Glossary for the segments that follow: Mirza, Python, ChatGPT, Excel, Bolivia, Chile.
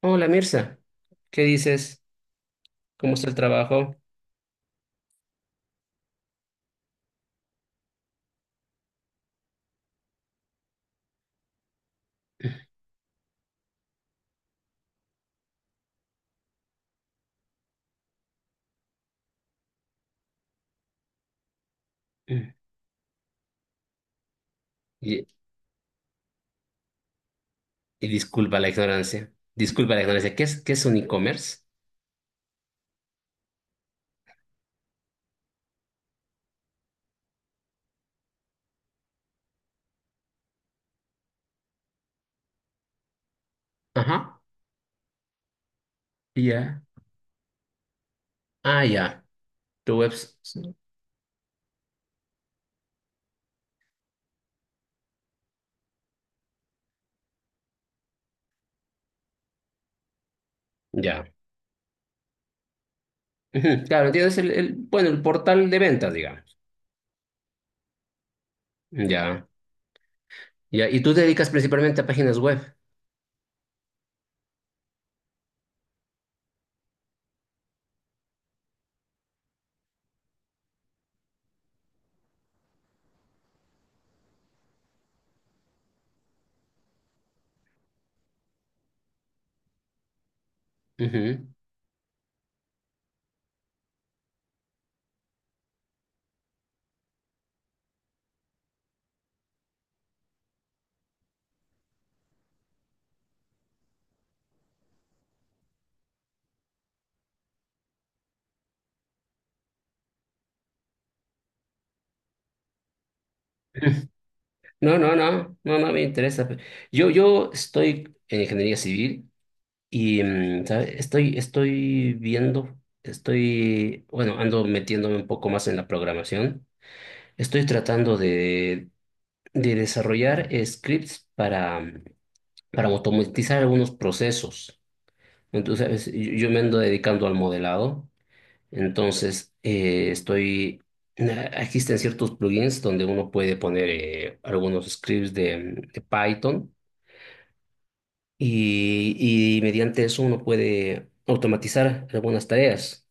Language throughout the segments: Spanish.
Hola Mirza, ¿qué dices? ¿Cómo está el trabajo? Mm. Y, disculpa la ignorancia. Disculpa la ignorancia. ¿Qué es un e-commerce? Ajá. Ya. Ah, ya. Tu web. Ya. Ujú, claro, entiendo, el portal de ventas, digamos. Ya. Ya. Y tú te dedicas principalmente a páginas web. Ujú. No, no, no. No, no me interesa. Yo estoy en ingeniería civil. Y ¿sabe? Estoy viendo, estoy, bueno, ando metiéndome un poco más en la programación. Estoy tratando de desarrollar scripts para, para automatizar algunos procesos. Entonces, yo me ando dedicando al modelado. Entonces, existen ciertos plugins donde uno puede poner algunos scripts de Python y mediante eso uno puede automatizar algunas tareas.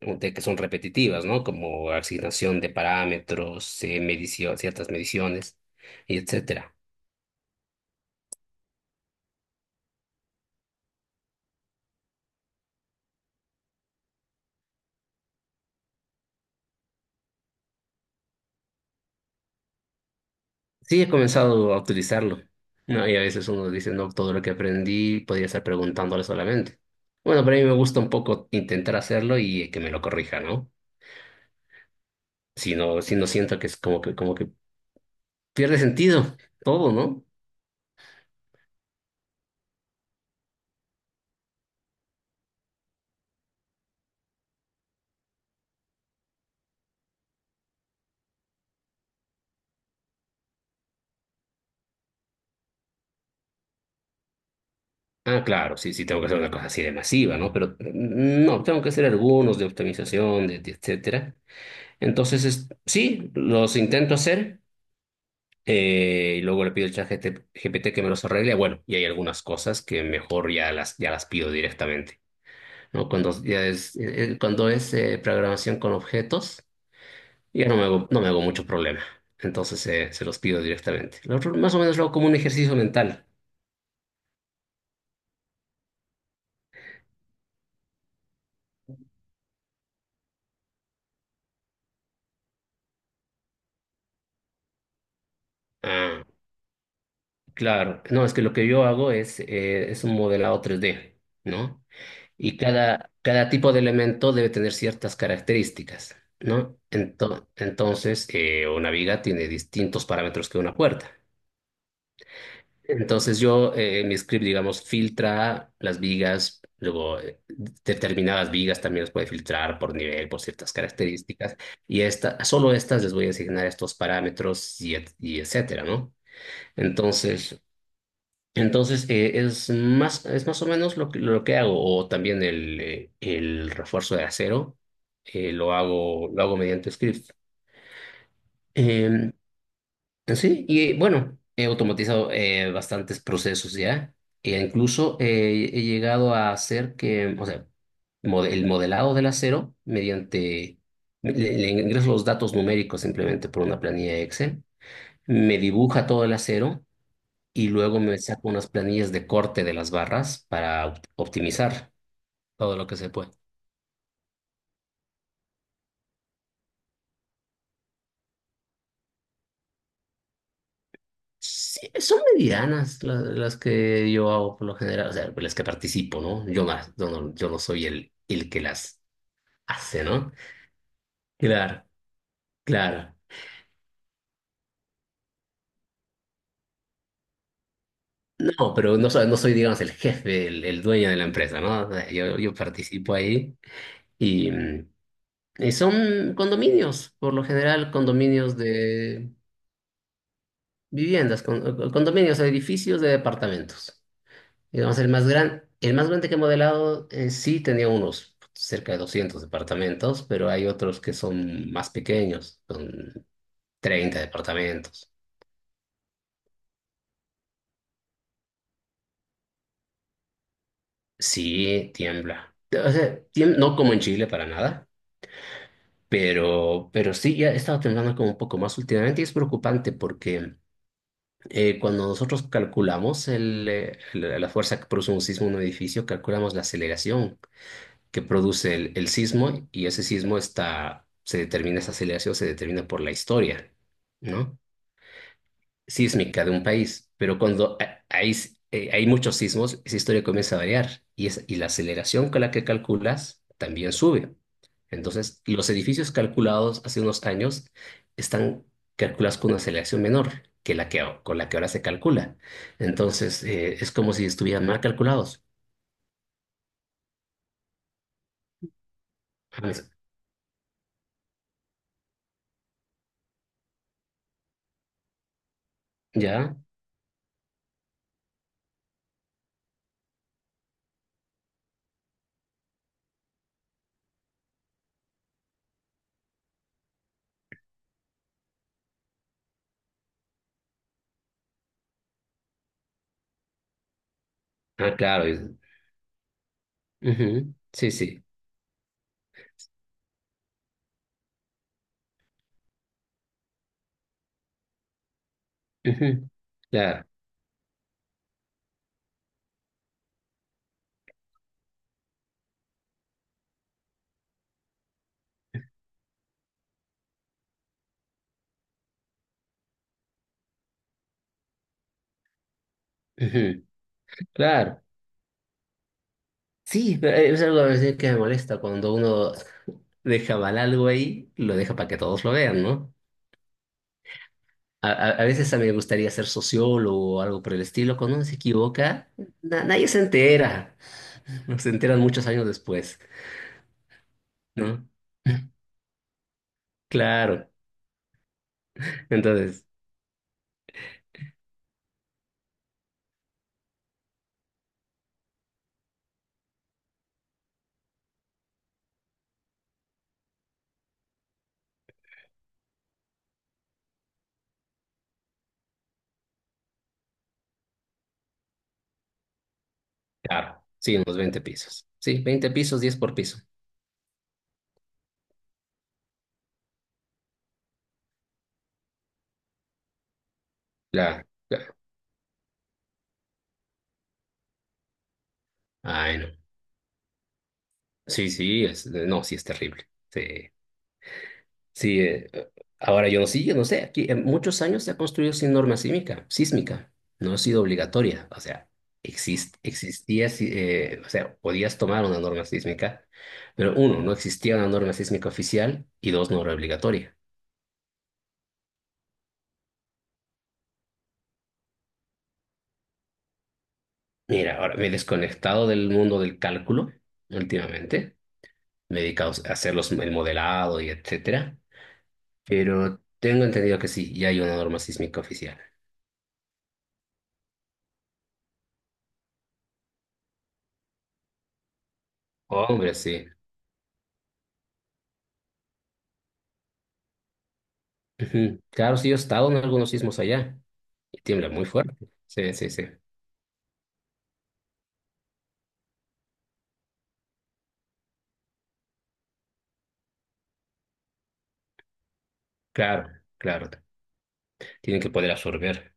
De que son repetitivas, ¿no? Como asignación de parámetros, medición, ciertas mediciones, y etcétera. Sí, he comenzado a utilizarlo, ¿no? Y a veces uno dice, no, todo lo que aprendí podría estar preguntándole solamente. Bueno, pero a mí me gusta un poco intentar hacerlo y que me lo corrija, ¿no? Si no, si no siento que es como que pierde sentido todo, ¿no? Ah, claro, sí, sí, tengo que hacer una cosa así de masiva, ¿no? Pero no, tengo que hacer algunos de optimización, de etcétera. Entonces, sí, los intento hacer y luego le pido al chat GPT que me los arregle. Bueno, y hay algunas cosas que mejor ya las pido directamente, ¿no? Cuando es programación con objetos, ya no me hago, no me hago mucho problema. Entonces, se los pido directamente. Lo otro, más o menos lo hago como un ejercicio mental. Ah, claro. No, es que lo que yo hago es un modelado 3D, ¿no? Y cada, cada tipo de elemento debe tener ciertas características, ¿no? Entonces, una viga tiene distintos parámetros que una puerta. Entonces, yo mi script, digamos, filtra las vigas, luego determinadas vigas también las puede filtrar por nivel, por ciertas características, y esta, solo estas les voy a asignar estos parámetros y etcétera, ¿no? Entonces, entonces, es más o menos lo que hago, o también el refuerzo de acero, lo hago mediante script. Eh, bueno, he automatizado bastantes procesos ya, e incluso he llegado a hacer que, o sea, el modelado del acero, mediante, le ingreso los datos numéricos simplemente por una planilla Excel, me dibuja todo el acero y luego me saco unas planillas de corte de las barras para optimizar todo lo que se puede. Sí, son medianas las, que yo hago por lo general, o sea, pues, las que participo, ¿no? Yo no soy el que las hace, ¿no? Claro, claro. No, pero no soy, no soy, digamos, el jefe, el dueño de la empresa, ¿no? O sea, yo participo ahí y, y son condominios, por lo general, condominios de viviendas, condominios, edificios de departamentos. Digamos, el más grande que he modelado en sí tenía unos cerca de 200 departamentos, pero hay otros que son más pequeños, son 30 departamentos. Sí, tiembla. O sea, no como en Chile para nada, pero sí, ya he estado temblando como un poco más últimamente y es preocupante porque cuando nosotros calculamos la fuerza que produce un sismo en un edificio, calculamos la aceleración que produce el sismo. Y ese sismo está, se determina, esa aceleración se determina por la historia, ¿no? Sísmica de un país, pero cuando hay, hay muchos sismos, esa historia comienza a variar y la aceleración con la que calculas también sube. Entonces, los edificios calculados hace unos años están calculados con una aceleración menor que la que, con la que ahora se calcula. Entonces, es como si estuvieran mal calculados. Ah, ¿ya? Ah, claro. Ujú, sí, sí. Ujú, claro. Ujú, claro. Sí, pero es algo a veces que me molesta cuando uno deja mal algo ahí, lo deja para que todos lo vean, ¿no? A veces a mí me gustaría ser sociólogo o algo por el estilo. Cuando uno se equivoca, nadie se entera. Se enteran muchos años después, ¿no? Claro. Entonces, claro, sí, unos 20 pisos. Sí, 20 pisos, 10 por piso. Claro, claro. Ay, no. Sí, sí, es, no, sí es terrible. Sí. Sí, ahora yo no sé, aquí en muchos años se ha construido sin norma sísmica, sísmica, no ha sido obligatoria, o sea, existía, sí, o sea, podías tomar una norma sísmica, pero uno, no existía una norma sísmica oficial y dos, no era obligatoria. Mira, ahora me he desconectado del mundo del cálculo últimamente, me he dedicado a hacer el modelado y etcétera, pero tengo entendido que sí, ya hay una norma sísmica oficial. Hombre, sí. Ujú. Claro, sí, yo he estado en algunos sismos allá. Tiembla muy fuerte. Sí, sí, sí. Claro, claro. Tienen que poder absorber.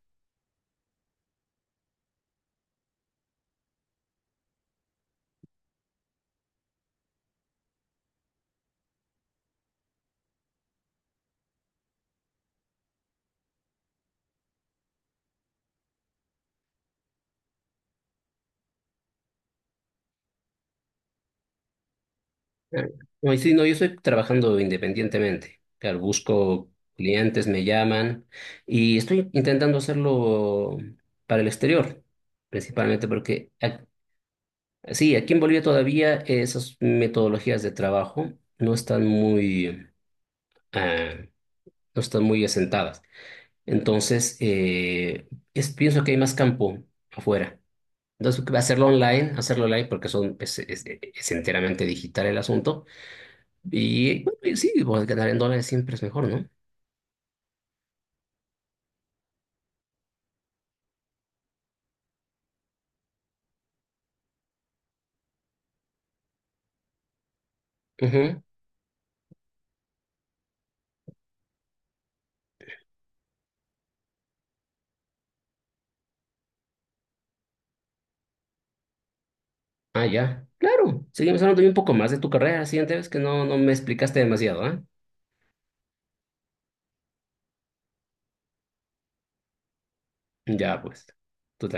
Ah, no, y sí, no, yo estoy trabajando independientemente. Claro, busco clientes, me llaman y estoy intentando hacerlo para el exterior, principalmente porque sí, aquí en Bolivia todavía esas metodologías de trabajo no están muy, ah, no están muy asentadas. Entonces, pienso que hay más campo afuera. Entonces, hacerlo online porque son, es enteramente digital el asunto. Y bueno, y sí, bueno, ganar en dólares siempre es mejor, ¿no? Ujú. Ah, ya. Claro. Seguimos hablando de un poco más de tu carrera la siguiente vez que no, no me explicaste demasiado, ¿eh? Ya, pues. Tú